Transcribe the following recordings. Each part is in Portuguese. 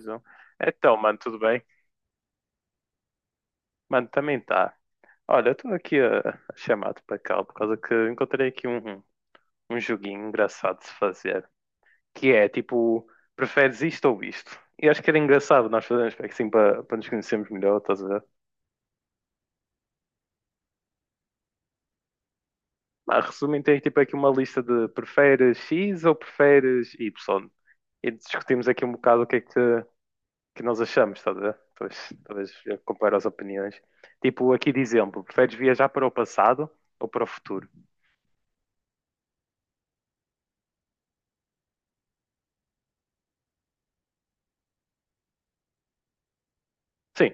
Zoom. Então, mano, tudo bem? Mano, também tá. Olha, eu estou aqui a chamar-te para cá por causa que encontrei aqui um joguinho engraçado de se fazer. Que é tipo, preferes isto ou isto? E acho que era engraçado nós fazermos assim para nos conhecermos melhor, estás a ver? Mas resumindo, tem tipo aqui uma lista de preferes X ou preferes Y. E discutimos aqui um bocado o que é que nós achamos, estás a ver? Talvez comparar as opiniões. Tipo, aqui de exemplo, preferes viajar para o passado ou para o futuro? Sim,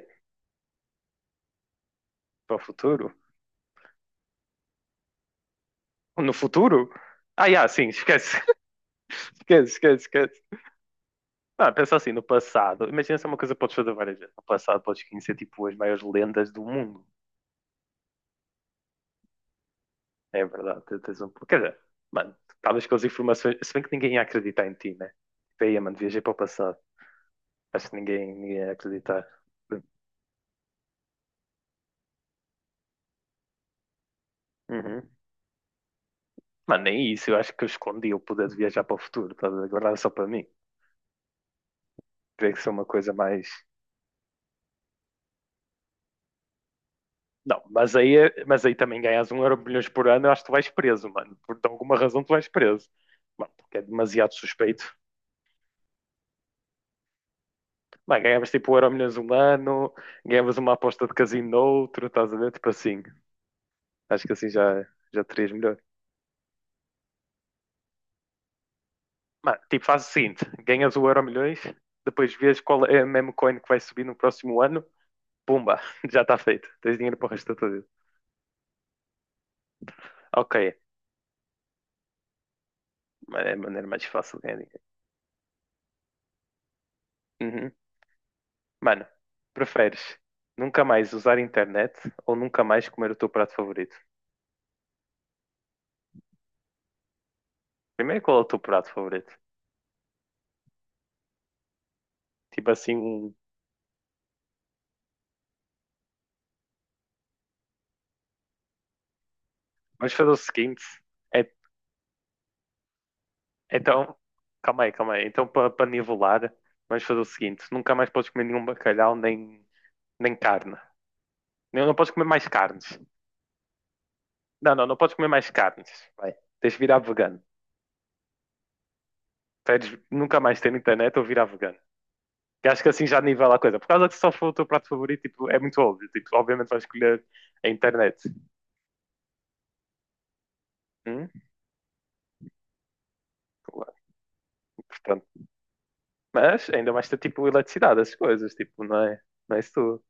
para o futuro. No futuro? Ah, yeah, sim, esquece, esquece, esquece, esquece. Não, pensa assim, no passado, imagina se é uma coisa que podes fazer várias vezes. No passado podes conhecer tipo as maiores lendas do mundo. É verdade, tu tens um. Quer dizer, mano, estavas com as informações. Se bem que ninguém ia acreditar em ti, né? Tipo, aí, mano, viajei para o passado. Acho que ninguém ia acreditar. Uhum. Mano, nem isso, eu acho que eu escondi o poder de viajar para o futuro, tá a ver? Só para mim. Teria que ser uma coisa mais. Não, mas aí também ganhas um euro milhões por ano, eu acho que tu vais preso, mano. Por alguma razão tu vais preso. Mano, porque é demasiado suspeito. Mano, ganhavas tipo um euro milhões um ano, ganhavas uma aposta de casino no outro, estás a ver? Tipo assim. Acho que assim já terias melhor. Mano, tipo, faz o seguinte: ganhas o euro milhões, depois vês qual é a meme coin que vai subir no próximo ano, pumba, já está feito. Tens dinheiro para o resto da tua vida. Ok, mano, é a maneira mais fácil de ganhar dinheiro. Uhum. Mano, preferes nunca mais usar internet ou nunca mais comer o teu prato favorito? Primeiro, qual é o teu prato favorito? Tipo assim, vamos fazer o seguinte. É- então, calma aí, calma aí. Então, para nivelar, vamos fazer o seguinte: nunca mais podes comer nenhum bacalhau nem carne. Não, não podes comer mais carnes. Não, não, não podes comer mais carnes. Vai. Tens de virar vegano. Tens de nunca mais ter internet ou virar vegano. Que acho que assim já nivela a coisa. Por causa que se só for o teu prato favorito, tipo, é muito óbvio. Tipo, obviamente vais escolher a internet. Hum, claro, portanto. Mas ainda mais ter tipo eletricidade, as coisas, tipo, não é isso tudo.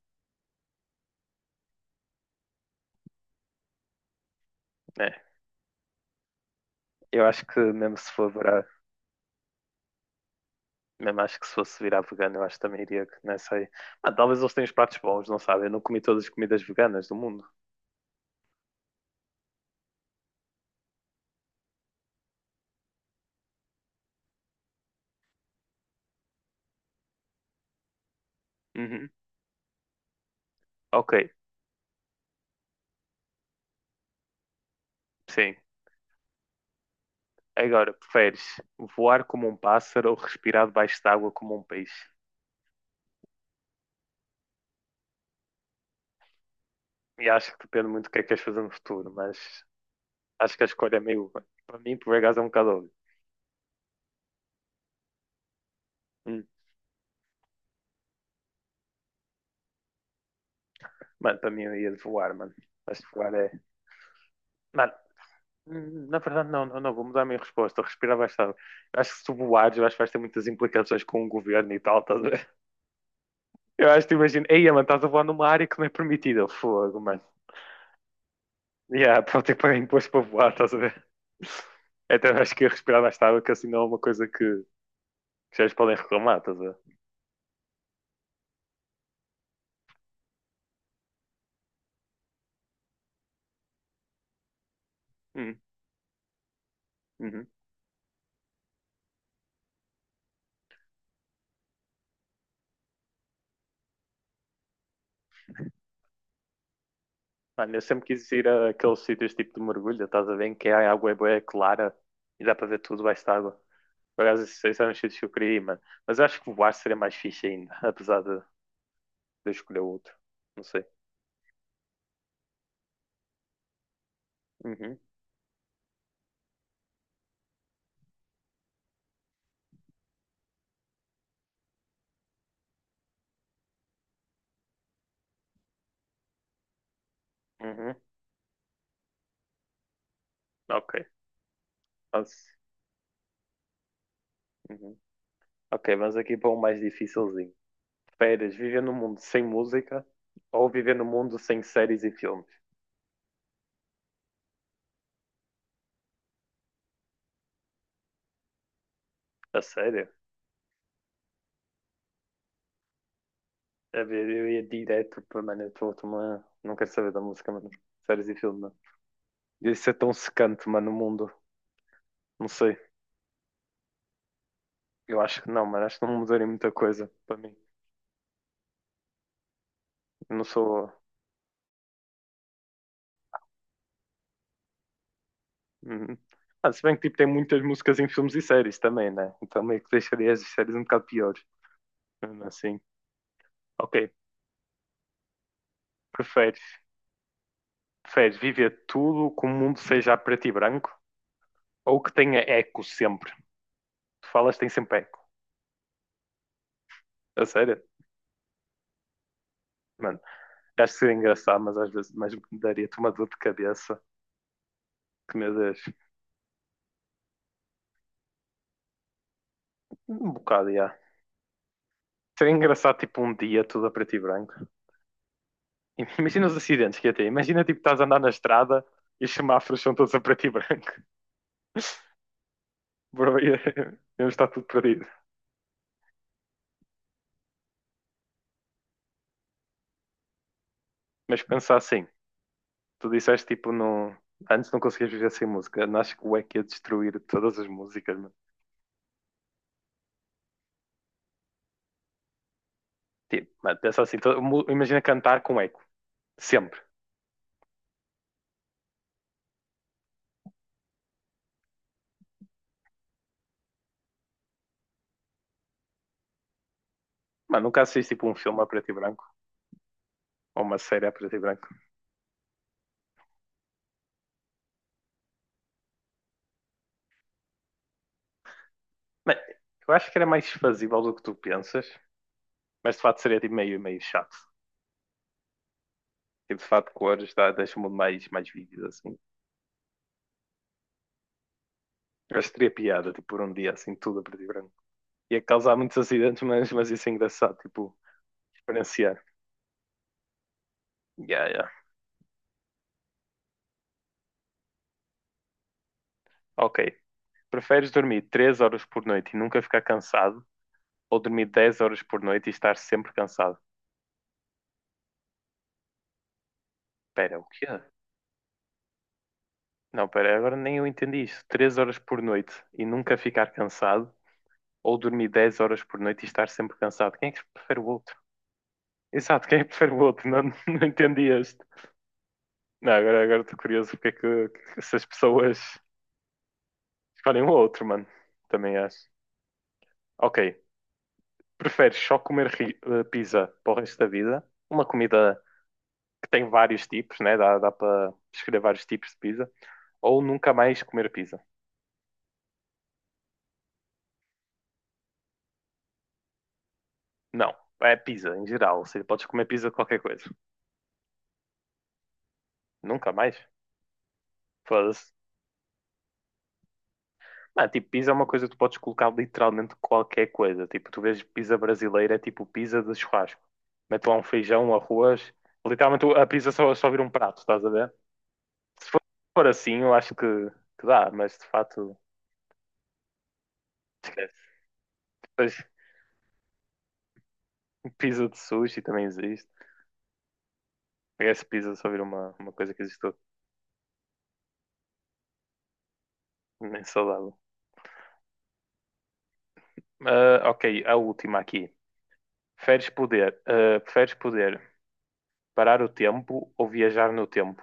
É. Eu acho que mesmo se for virar, mesmo acho que se fosse virar vegano, eu acho que também iria, que não sei. Ah, talvez eles tenham os pratos bons, não sabem? Eu não comi todas as comidas veganas do mundo. Uhum. Ok, sim. Agora, preferes voar como um pássaro ou respirar debaixo de água como um peixe? E acho que depende muito do que é que queres fazer no futuro, mas acho que a escolha é meio. Para mim, por acaso é um bocado óbvio. Hum. Mano, para mim eu ia de voar, mano. Mas de voar é. Mano. Na verdade, não, não, não, vou mudar a minha resposta. Respirar baixado. Acho que se tu voares, eu acho que vais ter muitas implicações com o governo e tal, estás a ver? Eu acho que imagino, ei, mano, estás a voar numa área que não é permitida. Fogo, mano. Yeah, para ter que pagar imposto para voar, estás a ver? Então eu acho que ia respirar baixado, que assim não é uma coisa que vocês podem reclamar, estás a ver? Hum, uhum. Mano, eu sempre quis ir a aqueles sítios tipo de mergulho, estás a ver? Em que a água é bué clara e dá para ver tudo baixo d'água. Por acaso, esses eram os sítios que eu queria ir, mano. Mas eu acho que voar seria mais fixe ainda, apesar de escolher outro. Não sei. Uhum, uhum, ok. Mas- uhum. Ok, vamos aqui para um mais dificilzinho. Férias, viver num mundo sem música ou viver num mundo sem séries e filmes? A sério? A ver, eu ia direto para, mano, eu tô, mano, não quero saber da música, mano. Séries e filmes, mano. Isso é tão secante, mano, no mundo. Não sei. Eu acho que não, mano. Acho que não mudaria muita coisa para mim. Eu não sou. Uhum. Ah, se bem que tipo, tem muitas músicas em filmes e séries também, né? Então meio que deixaria as séries um bocado piores. Mesmo assim. Ok. Preferes, preferes viver tudo que o mundo seja a preto e branco ou que tenha eco sempre? Tu falas tem sempre eco. A sério? Mano, acho que seria engraçado, mas às vezes mas daria-te uma dor de cabeça. Que meu Deus. Um bocado, já. Seria engraçado, tipo, um dia tudo a preto e branco. Imagina os acidentes que ia ter. Imagina, tipo, estás a andar na estrada e os semáforos são todos a preto e branco. Bro, ia estar tudo perdido. Mas pensar assim, tu disseste, tipo, não... antes não conseguias viver sem música. Não acho que o eco ia destruir todas as músicas, mano. Tipo, mano, pensa assim, imagina cantar com eco, sempre. Mano, nunca assististe, tipo, um filme a preto e branco, ou uma série a preto e branco. Mano, eu acho que era mais fazível do que tu pensas, mas de facto seria, tipo, meio, meio chato. Tipo, de facto, cores dá, deixa o mundo mais vívido, assim. Eu acho que teria piada, tipo, por um dia, assim, tudo a preto e branco. Ia causar muitos acidentes, mas isso é engraçado, tipo, diferenciar. Yeah, yeah. Ok. Preferes dormir 3 horas por noite e nunca ficar cansado ou dormir 10 horas por noite e estar sempre cansado? Pera, o quê? Não, pera, agora nem eu entendi isso. 3 horas por noite e nunca ficar cansado ou dormir 10 horas por noite e estar sempre cansado? Quem é que prefere o outro? Exato, quem é que prefere o outro? Não, não entendi este. Não, agora estou curioso porque é que essas pessoas escolhem o outro, mano. Também acho. Ok. Preferes só comer pizza para o resto da vida? Uma comida que tem vários tipos, né? Dá para escolher vários tipos de pizza. Ou nunca mais comer pizza. Não, é pizza em geral. Ou seja, podes comer pizza de qualquer coisa. Nunca mais? Foda-se. Mano, tipo, pizza é uma coisa que tu podes colocar literalmente qualquer coisa. Tipo, tu vês pizza brasileira, é tipo pizza de churrasco. Mete lá um feijão, um arroz. Literalmente a pizza só vira um prato, estás a ver? Se for assim, eu acho que dá, mas de fato, esquece. Depois, pizza de sushi também existe. Essa pizza só vira uma coisa que existe nem saudável. Ah, ok, a última aqui. Preferes poder parar o tempo ou viajar no tempo?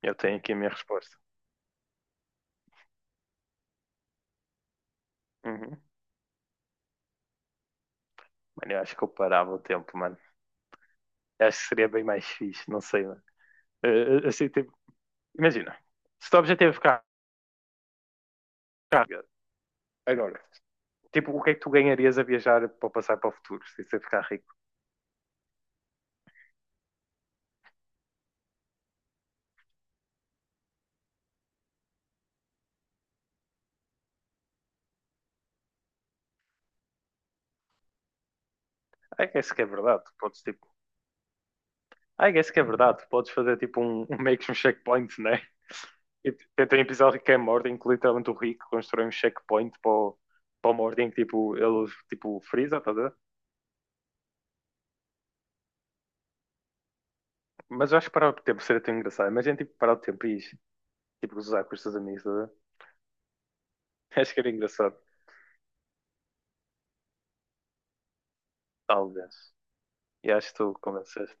Eu tenho aqui a minha resposta. Uhum. Mano, eu acho que eu parava o tempo, mano. Eu acho que seria bem mais fixe, não sei, mano. Ah, ah, assim, tipo, imagina, se o teu objetivo é ficar rico, agora, tipo, o que é que tu ganharias a viajar para passar para o futuro, se você ficar rico? É que isso que é verdade, tu podes, tipo, I guess que é verdade. Tu podes fazer tipo um meio que um checkpoint, né? E tem um episódio que é mordem, em que literalmente o Rick constrói um checkpoint para o mordem que tipo, ele tipo, freeza, tá a ver? Mas eu acho que parar o tempo seria tão engraçado. Imagina tipo, parar o tempo e tipo, usar com os teus amigos, tá a ver? Acho que era engraçado, talvez. E acho que tu convenceste.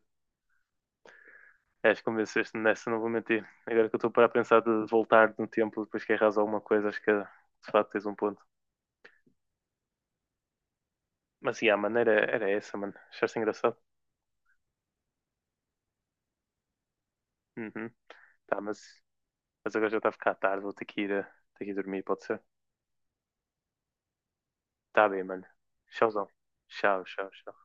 Acho que convenceste nessa, não vou mentir. Agora que eu estou para pensar de voltar no tempo depois que erras alguma coisa, acho que de facto tens um ponto. Mas sim, a maneira era essa, mano. Achaste engraçado? Uhum. Tá. Mas agora já está a ficar tarde, vou ter que ir, eh, ter que ir dormir, pode ser? Tá bem, mano. Tchauzão. Tchau, tchau, tchau.